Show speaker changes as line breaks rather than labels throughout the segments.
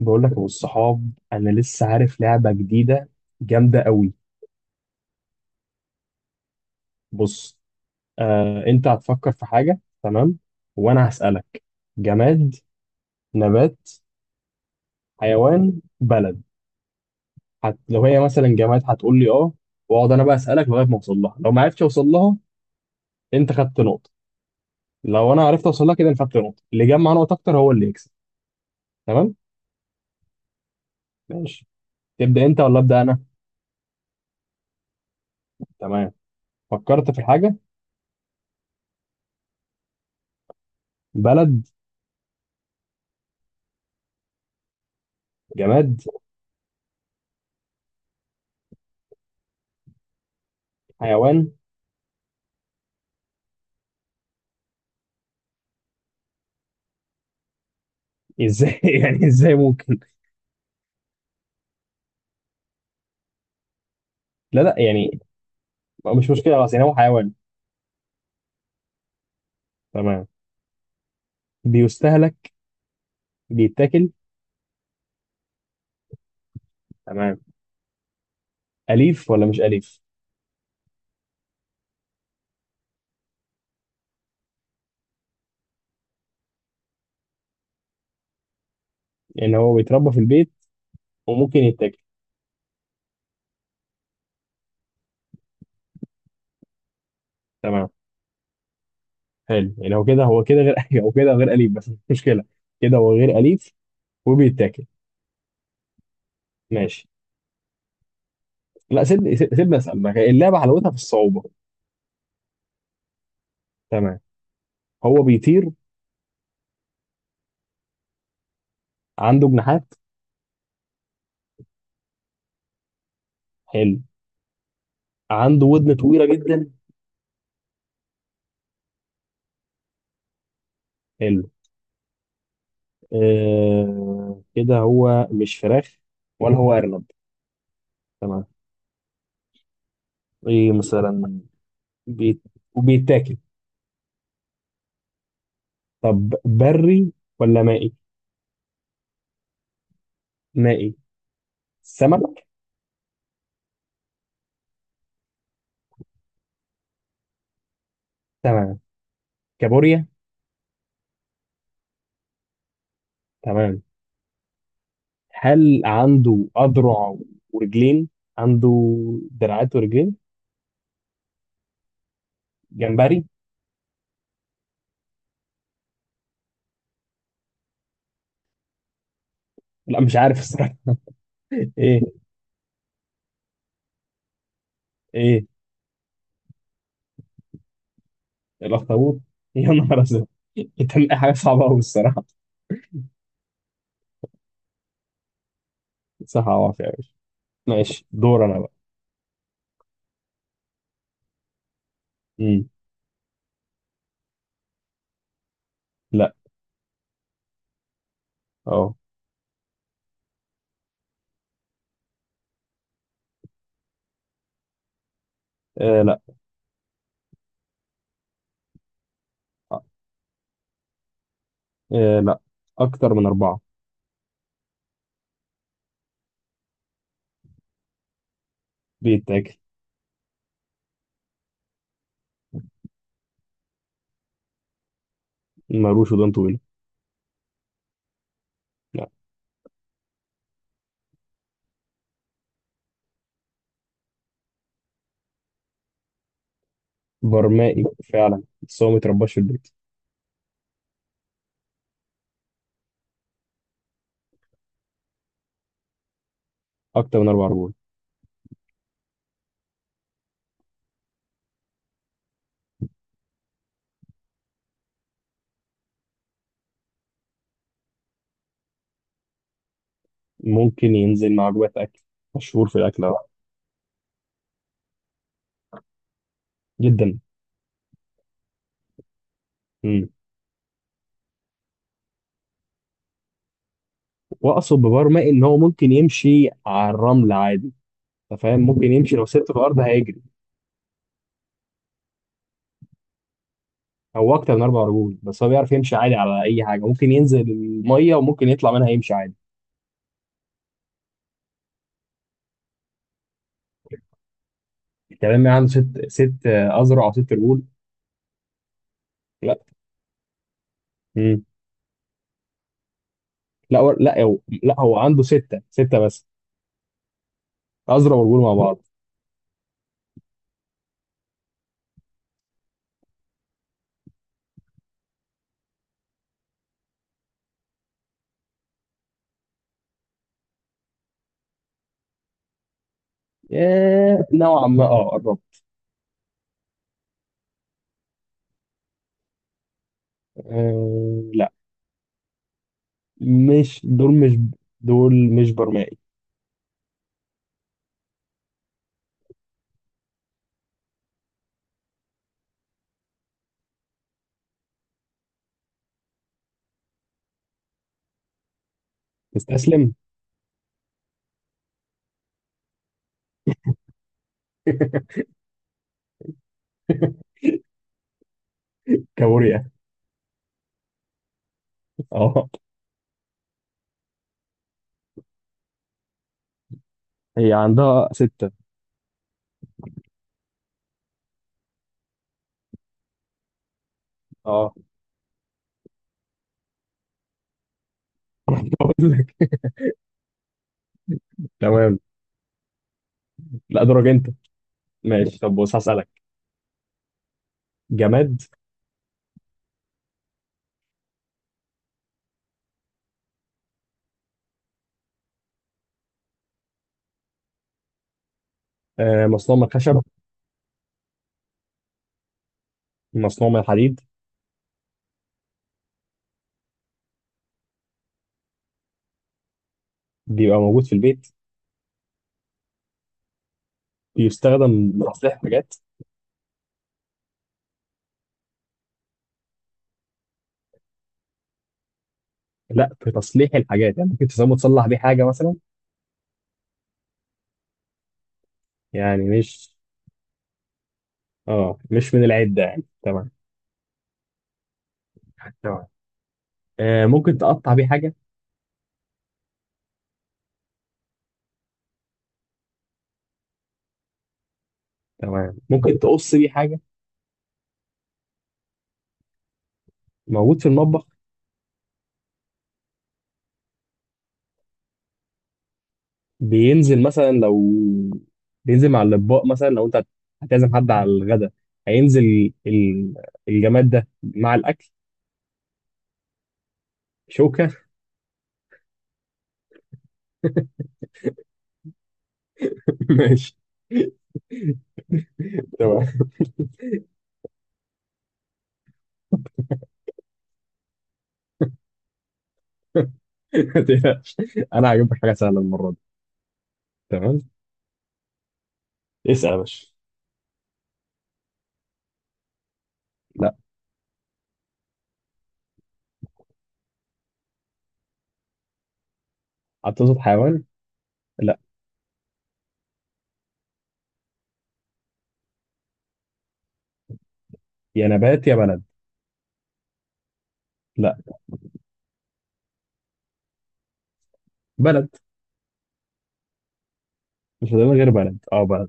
بقول لك والصحاب انا لسه عارف لعبه جديده جامده قوي. بص، آه انت هتفكر في حاجه تمام وانا هسالك: جماد، نبات، حيوان، بلد. لو هي مثلا جماد هتقول لي اه، واقعد انا بقى اسالك لغايه ما اوصل لها. لو ما عرفتش اوصل لها انت خدت نقطه، لو انا عرفت اوصل لها كده انا خدت نقطه. اللي جمع نقط اكتر هو اللي يكسب. تمام؟ ماشي. تبدا انت ولا ابدا انا؟ تمام، فكرت في الحاجه. بلد؟ جماد؟ حيوان؟ ازاي يعني ازاي ممكن؟ لا يعني مش مشكلة، خلاص يعني هو حيوان. تمام. بيستهلك؟ بيتاكل؟ تمام. أليف ولا مش أليف؟ يعني هو بيتربى في البيت وممكن يتاكل؟ تمام. حلو، يعني هو كده غير هو كده غير أليف بس مش مشكلة. كده هو غير أليف وبيتاكل. ماشي. لا سيبني سيبني أسأل، ما هي اللعبة حلاوتها في الصعوبة. تمام. هو بيطير؟ عنده جناحات؟ حلو. عنده ودن طويلة جدا؟ حلو. آه كده هو مش فراخ ولا هو أرنب. تمام. ايه مثلا؟ بيت وبيتاكل؟ طب بري ولا مائي؟ مائي؟ سمك؟ تمام. كابوريا؟ تمام. هل عنده أذرع ورجلين؟ عنده دراعات ورجلين؟ جمبري؟ لا مش عارف الصراحة. إيه؟ إيه؟ الأخطبوط؟ يا نهار أسود، أنت من أي حاجة صعبة أوي الصراحة. صح، عوافي يا باشا. ماشي، دور أنا بقى. مم. لا. أه. آه، لا. آه، لا، أكتر من أربعة. بيتاكل. مالوش ودان طويلة، لا. برمائي فعلا، بس هو مترباش في البيت. اكتر من اربع رجول. ممكن ينزل مع وجبات اكل، مشهور في الاكل ده جدا. امم. واقصد ببرمائي ان هو ممكن يمشي على الرمل عادي، انت فاهم، ممكن يمشي لو سبته في الارض هيجري. هو اكتر من اربع رجول بس هو بيعرف يمشي عادي على اي حاجه، ممكن ينزل الميه وممكن يطلع منها يمشي عادي. تمام، عنده ست آه، اذرع او ست رجول. لا. امم. لا هو، لا هو عنده سته بس، اذرع ورجول مع بعض. آه، نوعا ما اه قربت. آه، لا، مش دول مش دول مش برمائي. تستسلم؟ كابوريا. اه. هي عندها ستة. اه، بقول لك. تمام. لا، دورك انت. ماشي، طب بص هسألك. جماد؟ آه، مصنوع من الخشب؟ مصنوع من الحديد؟ بيبقى موجود في البيت؟ بيستخدم لتصليح حاجات؟ لا في تصليح الحاجات، يعني ممكن تسمى تصلح بيه حاجة مثلا؟ يعني مش اه مش من العدة يعني؟ تمام. تمام. آه، ممكن تقطع بيه حاجة؟ تمام، ممكن تقص بيه حاجة؟ موجود في المطبخ؟ بينزل مثلا لو، بينزل مع الاطباق مثلا لو انت هتعزم حد على الغدا هينزل الجماد ده مع الاكل. شوكه. ماشي. تمام. ما تقلقش. انا هجيب لك حاجه سهله المره دي. تمام. اسأل يا باشا. لا. هتقصد حيوان؟ لا. يا نبات يا بلد. لا. بلد. مش فاضل غير بلد، اه بلد.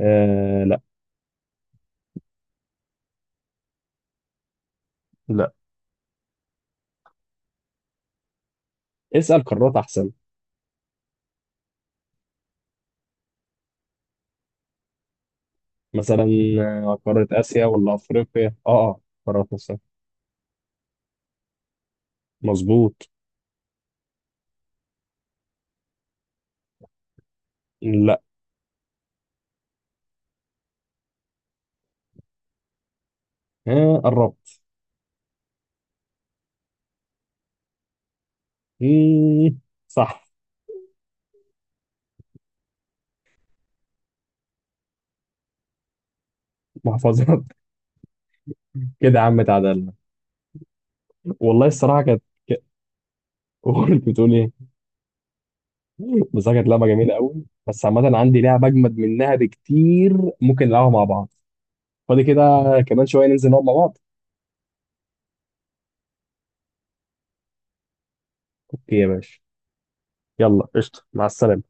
آه لا. لا، اسال قارات احسن. مثلا آه، قاره اسيا ولا افريقيا، اه اه. قارات مصر. مظبوط. لا. آه قربت. مم. صح. محفظات كده يا عم اتعدلنا. والله الصراحه كانت، ك- كنت بتقول ايه؟ بصراحه كانت لعبه جميله قوي، بس عامه عندي لعبه اجمد منها بكتير ممكن نلعبها مع بعض. فاضي كده؟ كمان شويه ننزل نقعد مع بعض. اوكي يا باشا، يلا قشطه، مع السلامه.